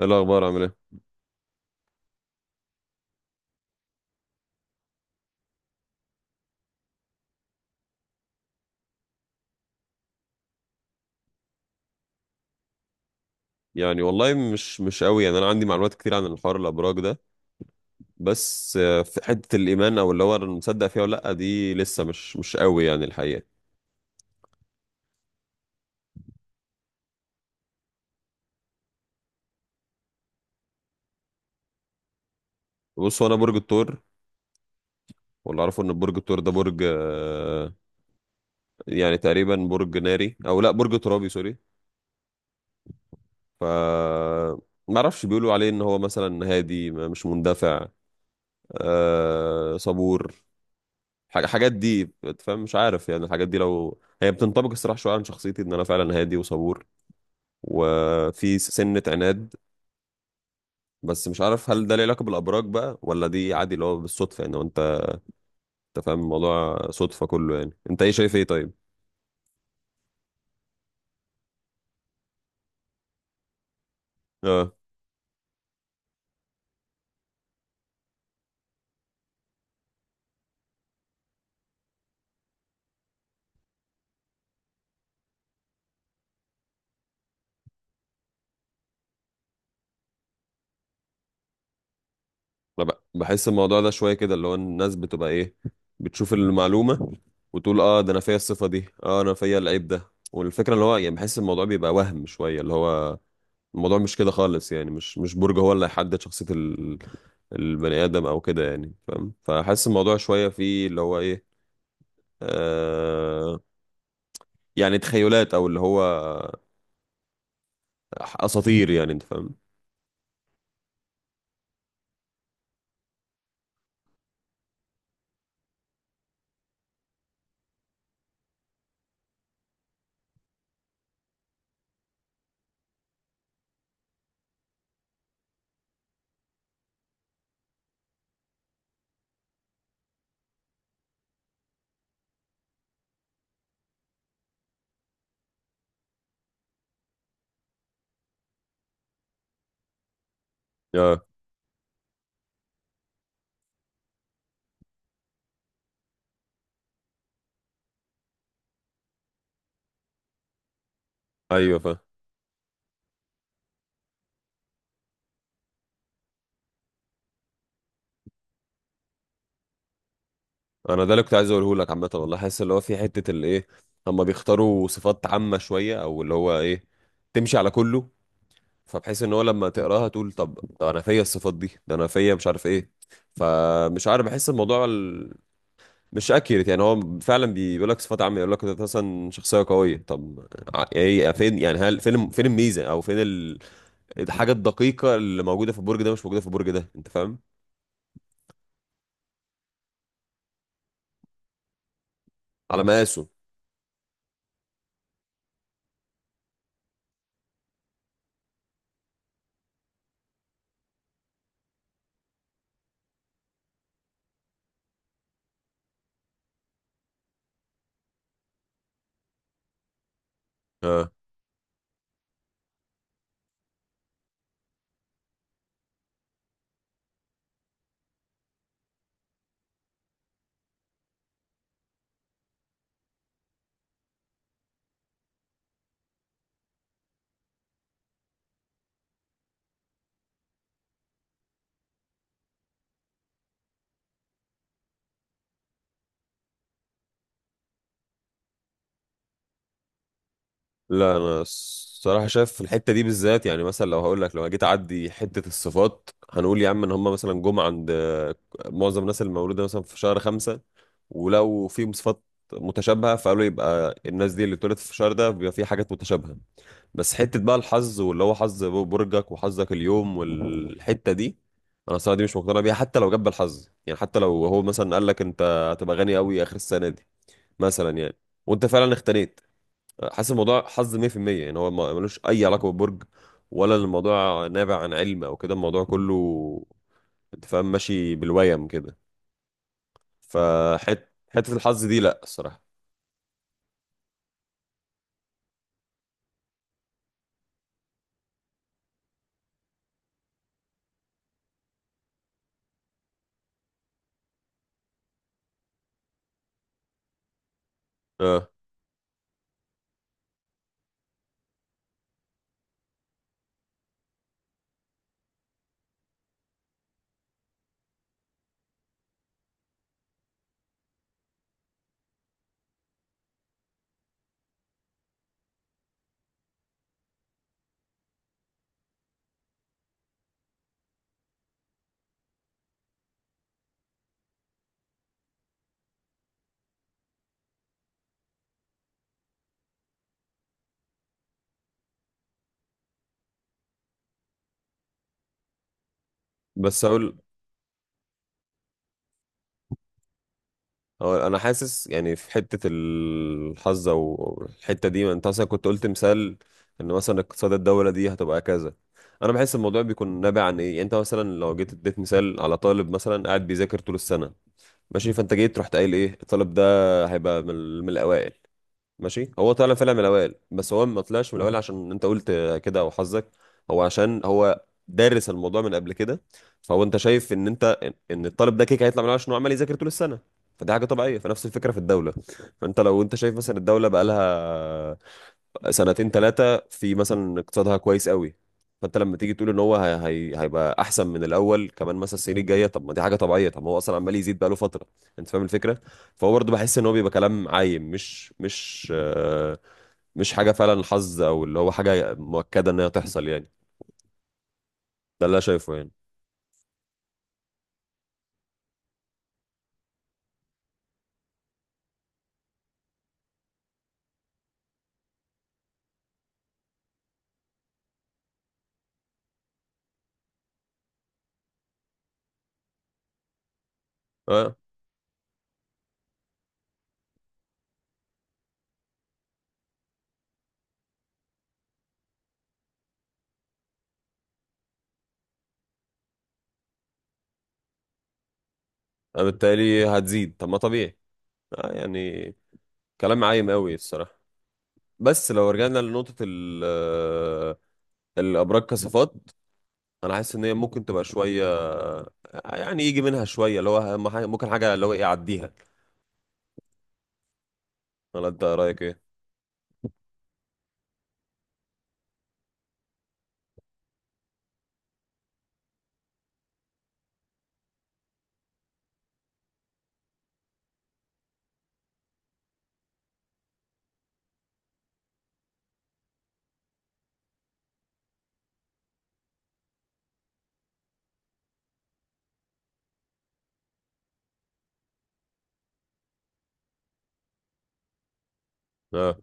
إيه الاخبار؟ عامل ايه؟ يعني والله مش قوي، يعني انا عندي معلومات كتير عن الحوار الابراج ده. بس في حته الايمان او اللي هو انا مصدق فيها ولا لا، دي لسه مش قوي يعني الحقيقه. بص، هو انا برج الثور. واللي اعرفه ان برج الثور ده برج، يعني تقريبا برج ناري او لا برج ترابي، سوري. ف ما اعرفش، بيقولوا عليه ان هو مثلا هادي، مش مندفع، صبور، حاجات دي. فاهم. مش عارف يعني الحاجات دي لو هي بتنطبق الصراحه شويه عن شخصيتي، ان انا فعلا هادي وصبور وفي سنة عناد. بس مش عارف هل ده ليه علاقة بالأبراج بقى، ولا دي عادي اللي هو بالصدفة يعني. وانت فاهم الموضوع صدفة كله، يعني انت ايه شايف ايه طيب؟ اه، انا بحس الموضوع ده شوية كده، اللي هو الناس بتبقى ايه، بتشوف المعلومة وتقول اه ده انا فيا الصفة دي، اه انا فيا العيب ده. والفكرة اللي هو يعني بحس الموضوع بيبقى وهم شوية، اللي هو الموضوع مش كده خالص يعني. مش برج هو اللي هيحدد شخصية البني آدم او كده يعني، فاهم؟ فحاسس الموضوع شوية فيه اللي هو ايه، آه، يعني تخيلات او اللي هو اساطير، يعني انت فاهم. اه، ايوه فاهم انا ده اللي كنت عايز اقوله لك عامه. والله حاسس اللي هو في حته اللي ايه، هم بيختاروا صفات عامه شويه، او اللي هو ايه تمشي على كله. فبحيث ان هو لما تقراها تقول طب ده انا فيا الصفات دي، ده انا فيا مش عارف ايه. فمش عارف بحس الموضوع مش اكيرت يعني. هو فعلا بيقول لك صفات عامه، يقول لك انت مثلا شخصيه قويه. طب ايه فين، يعني هل فين فين الميزه او فين الحاجة الدقيقة اللي موجودة في البرج ده مش موجودة في البرج ده، انت فاهم. على مقاسه. اه، لا انا الصراحة شايف في الحتة دي بالذات، يعني مثلا لو هقول لك، لو جيت اعدي حتة الصفات هنقول يا عم، ان هم مثلا جم عند معظم الناس المولودة مثلا في شهر خمسة. ولو فيهم صفات متشابهة، فقالوا يبقى الناس دي اللي اتولدت في الشهر ده بيبقى في حاجات متشابهة. بس حتة بقى الحظ، واللي هو حظ برجك وحظك اليوم والحتة دي، انا الصراحة دي مش مقتنع بيها. حتى لو جاب بالحظ يعني، حتى لو هو مثلا قال لك انت هتبقى غني قوي اخر السنة دي مثلا يعني، وانت فعلا اختنيت، حاسس الموضوع حظ 100%. يعني هو ملوش اي علاقة بالبرج، ولا الموضوع نابع عن علم او كده. الموضوع كله انت فاهم ماشي بالويم كده. فحت حتة الحظ دي لا الصراحة. اه. بس هقول، هو انا حاسس يعني في حته الحظ او الحته دي، ما انت مثلا كنت قلت مثال ان مثلا اقتصاد الدوله دي هتبقى كذا. انا بحس الموضوع بيكون نابع عن ايه، يعني انت مثلا لو جيت اديت مثال على طالب مثلا قاعد بيذاكر طول السنه ماشي، فانت جيت رحت قايل ايه، الطالب ده هيبقى من الاوائل. ماشي، هو طلع فعلا من الاوائل، بس هو ما طلعش من الاوائل عشان انت قلت كده او حظك، هو عشان هو دارس الموضوع من قبل كده. فهو انت شايف ان انت ان إن الطالب ده كيك هيطلع من الأوائل عشان هو عمال يذاكر طول السنه. فدي حاجه طبيعيه، فنفس الفكره في الدوله. فانت لو انت شايف مثلا الدوله بقى لها سنتين ثلاثة، في مثلا اقتصادها كويس قوي. فانت لما تيجي تقول ان هيبقى احسن من الاول كمان مثلا السنين الجاية، طب ما دي حاجة طبيعية، طب ما هو اصلا عمال يزيد بقاله فترة، انت فاهم الفكرة. فهو برضه بحس ان هو بيبقى كلام عايم مش حاجة فعلا حظ، او اللي هو حاجة مؤكدة انها تحصل يعني. ده اللي انا شايفه يعني. اه، بالتالي هتزيد. طب ما طبيعي. اه يعني كلام عايم قوي الصراحة. بس لو رجعنا لنقطة الأبراج كصفات، انا حاسس ان هي ممكن تبقى شويه يعني يجي منها شويه، اللي هو أهم ممكن حاجه اللي هو ايه اعديها. ولا انت رايك ايه؟ اه،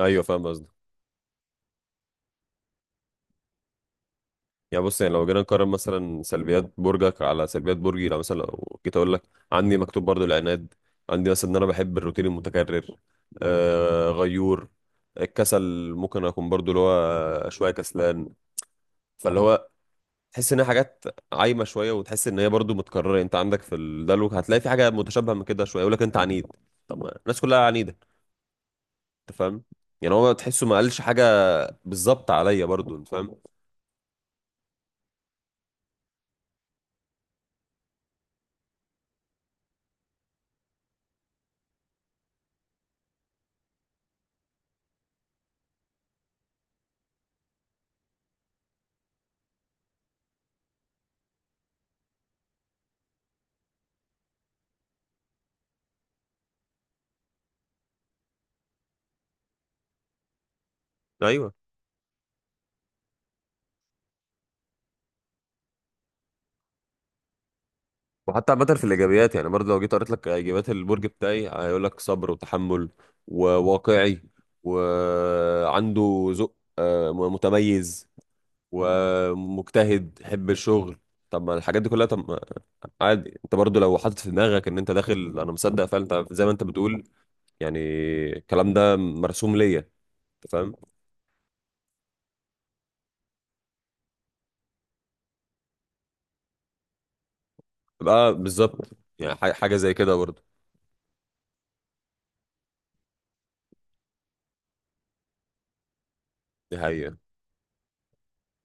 ايوه، فاهم قصدك. يعني بص، يعني لو جينا نقارن مثلا سلبيات برجك على سلبيات برجي، لو مثلا لو جيت اقول لك، عندي مكتوب برضو العناد. عندي مثلا ان انا بحب الروتين المتكرر، غيور، الكسل، ممكن اكون برضو اللي هو شويه كسلان. فاللي هو تحس ان هي حاجات عايمه شويه، وتحس ان هي برضو متكرره. انت عندك في الدلو هتلاقي في حاجه متشابهه من كده شويه، يقول لك انت عنيد. طب ما الناس كلها عنيده، انت فاهم. يعني هو تحسه ما قالش حاجه بالظبط عليا برضو، انت فاهم. ايوه. وحتى عامه في الايجابيات يعني، برضو لو جيت قريت لك ايجابيات البرج بتاعي، هيقول لك صبر وتحمل وواقعي وعنده ذوق متميز ومجتهد حب الشغل. طب ما الحاجات دي كلها، طب ما عادي. انت برضو لو حاطط في دماغك ان انت داخل انا مصدق فعلا، انت زي ما انت بتقول يعني الكلام ده مرسوم ليا، انت فاهم. يبقى بالظبط. يعني حاجه زي كده برضو. دي حقيقة.